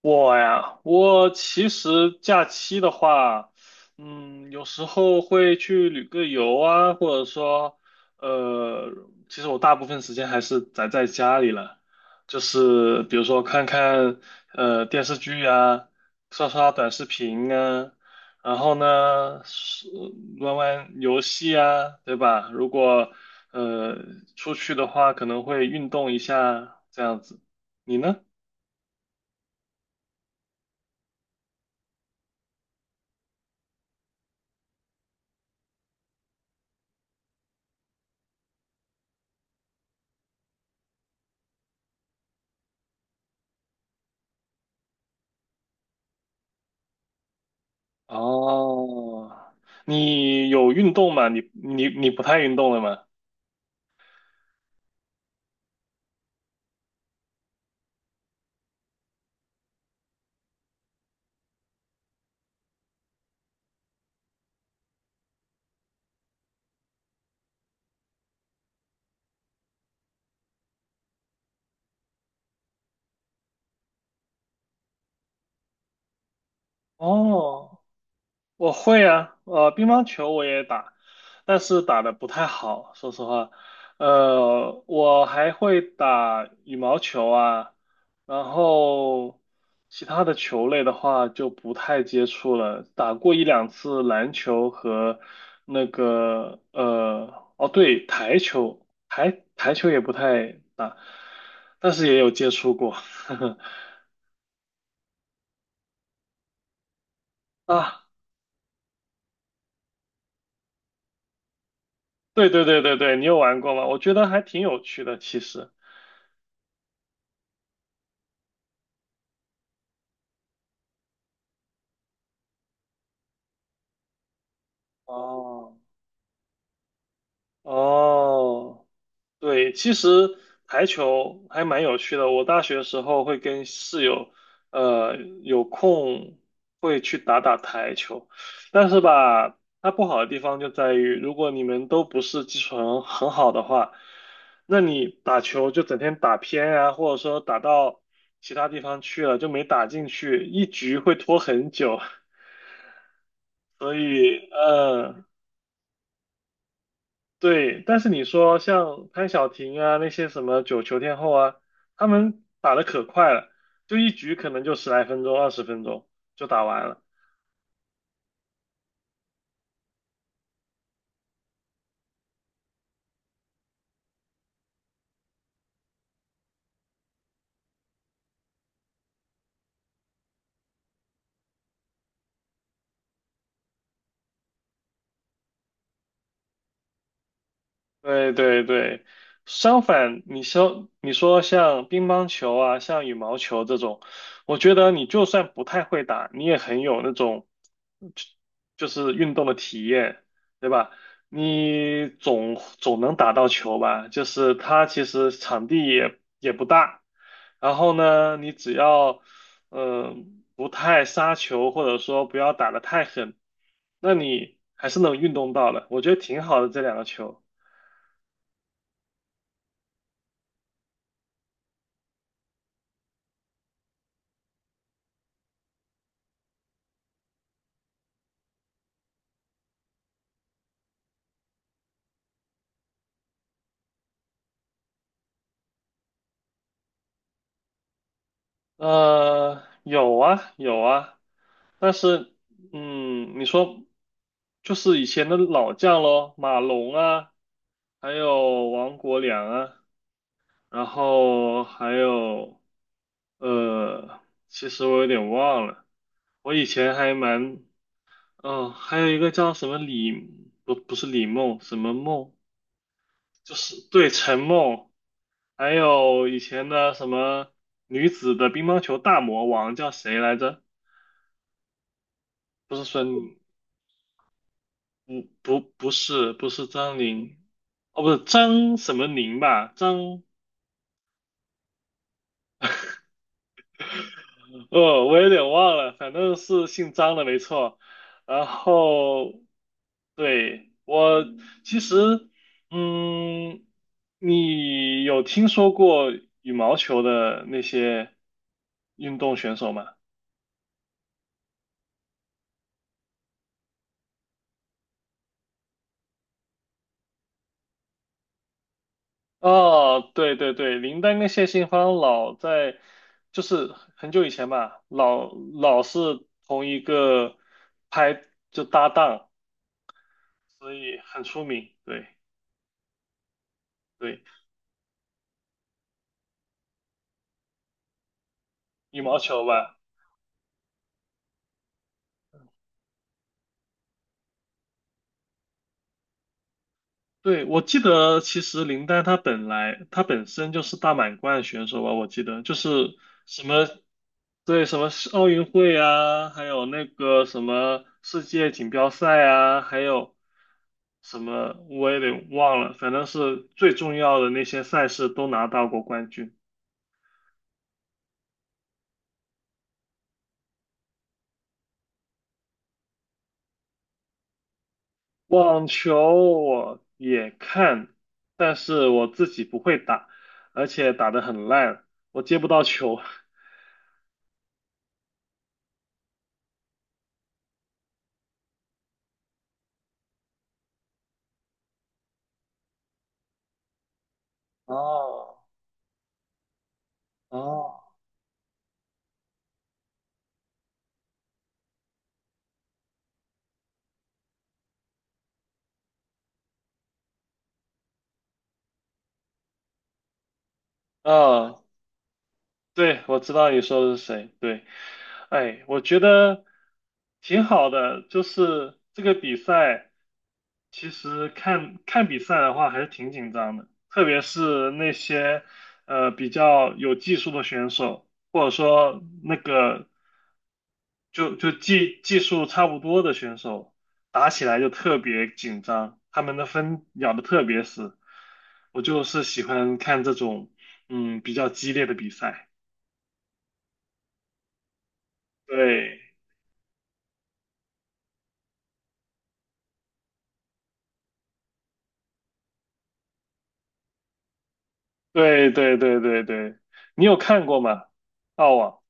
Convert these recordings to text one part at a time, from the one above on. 我呀，我其实假期的话，有时候会去旅个游啊，或者说，呃，其实我大部分时间还是宅在家里了，就是比如说看看电视剧啊，刷刷短视频啊，然后呢，是玩玩游戏啊，对吧？如果呃出去的话，可能会运动一下这样子。你呢？哦，你有运动吗？你不太运动了吗？哦我会啊，乒乓球我也打，但是打的不太好，说实话。我还会打羽毛球啊，然后其他的球类的话就不太接触了，打过一两次篮球和哦对，台球，台球也不太打，但是也有接触过。啊，对对对对对，你有玩过吗？我觉得还挺有趣的，其实。哦哦，对，其实台球还蛮有趣的。我大学时候会跟室友，呃，有空会去打打台球，但是吧，它不好的地方就在于，如果你们都不是基础很好的话，那你打球就整天打偏啊，或者说打到其他地方去了，就没打进去，一局会拖很久。所以，对，但是你说像潘晓婷啊，那些什么九球天后啊，他们打的可快了，就一局可能就10来分钟、20分钟就打完了。对对对，相反，你说像乒乓球啊，像羽毛球这种，我觉得你就算不太会打，你也很有那种就就是运动的体验，对吧？你总能打到球吧？就是它其实场地也不大，然后呢，你只要不太杀球，或者说不要打得太狠，那你还是能运动到的，我觉得挺好的这两个球。有啊，有啊，但是，你说就是以前的老将咯，马龙啊，还有王国良啊，然后还有，呃，其实我有点忘了，我以前还蛮，还有一个叫什么李，不是李梦，什么梦，就是对陈梦，还有以前的什么女子的乒乓球大魔王叫谁来着？不是孙。不不不是不是张宁，哦不是张什么宁吧？张我有点忘了，反正是姓张的没错。然后对我其实嗯，你有听说过羽毛球的那些运动选手吗？哦，对对对，林丹跟谢杏芳老在，就是很久以前吧，老是同一个拍就搭档，所以很出名。对对，羽毛球吧。对，我记得其实林丹他本来他本身就是大满贯选手吧，我记得就是什么，对，什么世奥运会啊，还有那个什么世界锦标赛啊，还有什么我也得忘了，反正是最重要的那些赛事都拿到过冠军。网球我也看，但是我自己不会打，而且打得很烂，我接不到球。哦哦，啊，对，我知道你说的是谁。对，哎，我觉得挺好的，就是这个比赛，其实看看比赛的话还是挺紧张的，特别是那些比较有技术的选手，或者说那个技术差不多的选手，打起来就特别紧张，他们的分咬的特别死。我就是喜欢看这种比较激烈的比赛。对。对对对对对，你有看过吗？澳网，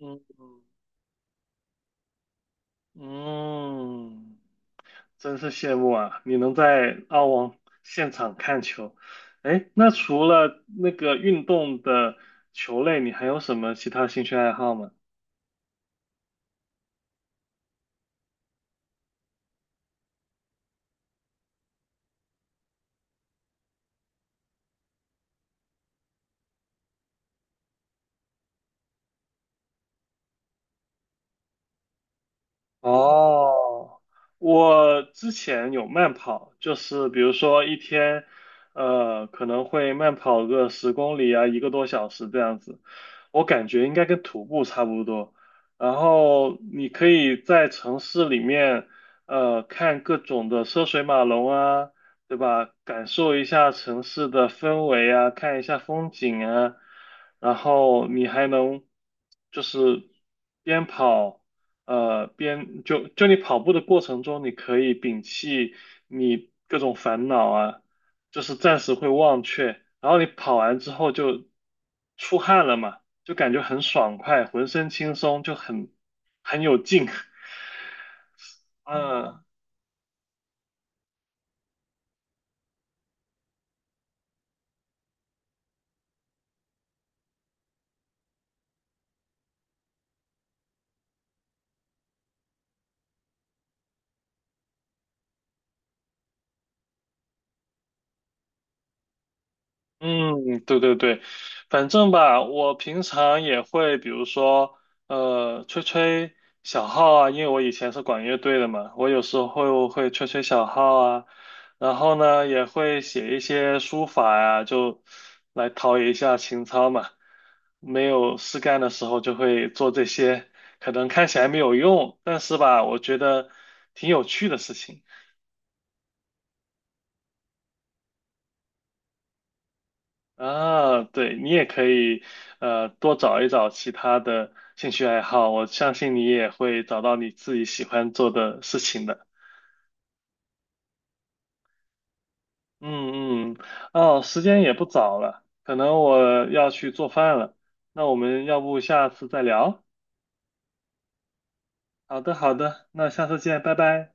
嗯嗯，真是羡慕啊！你能在澳网现场看球，哎，那除了那个运动的球类，你还有什么其他兴趣爱好吗？哦，我之前有慢跑，就是比如说一天，可能会慢跑个10公里啊，一个多小时这样子。我感觉应该跟徒步差不多。然后你可以在城市里面，看各种的车水马龙啊，对吧？感受一下城市的氛围啊，看一下风景啊。然后你还能就是边跑。边你跑步的过程中，你可以摒弃你各种烦恼啊，就是暂时会忘却。然后你跑完之后就出汗了嘛，就感觉很爽快，浑身轻松，就很有劲。嗯，嗯，对对对，反正吧，我平常也会，比如说，吹吹小号啊，因为我以前是管乐队的嘛，我有时候会吹吹小号啊，然后呢，也会写一些书法呀、就来陶冶一下情操嘛。没有事干的时候就会做这些，可能看起来没有用，但是吧，我觉得挺有趣的事情。啊，对，你也可以，多找一找其他的兴趣爱好，我相信你也会找到你自己喜欢做的事情的。嗯嗯，哦，时间也不早了，可能我要去做饭了，那我们要不下次再聊？好的好的，那下次见，拜拜。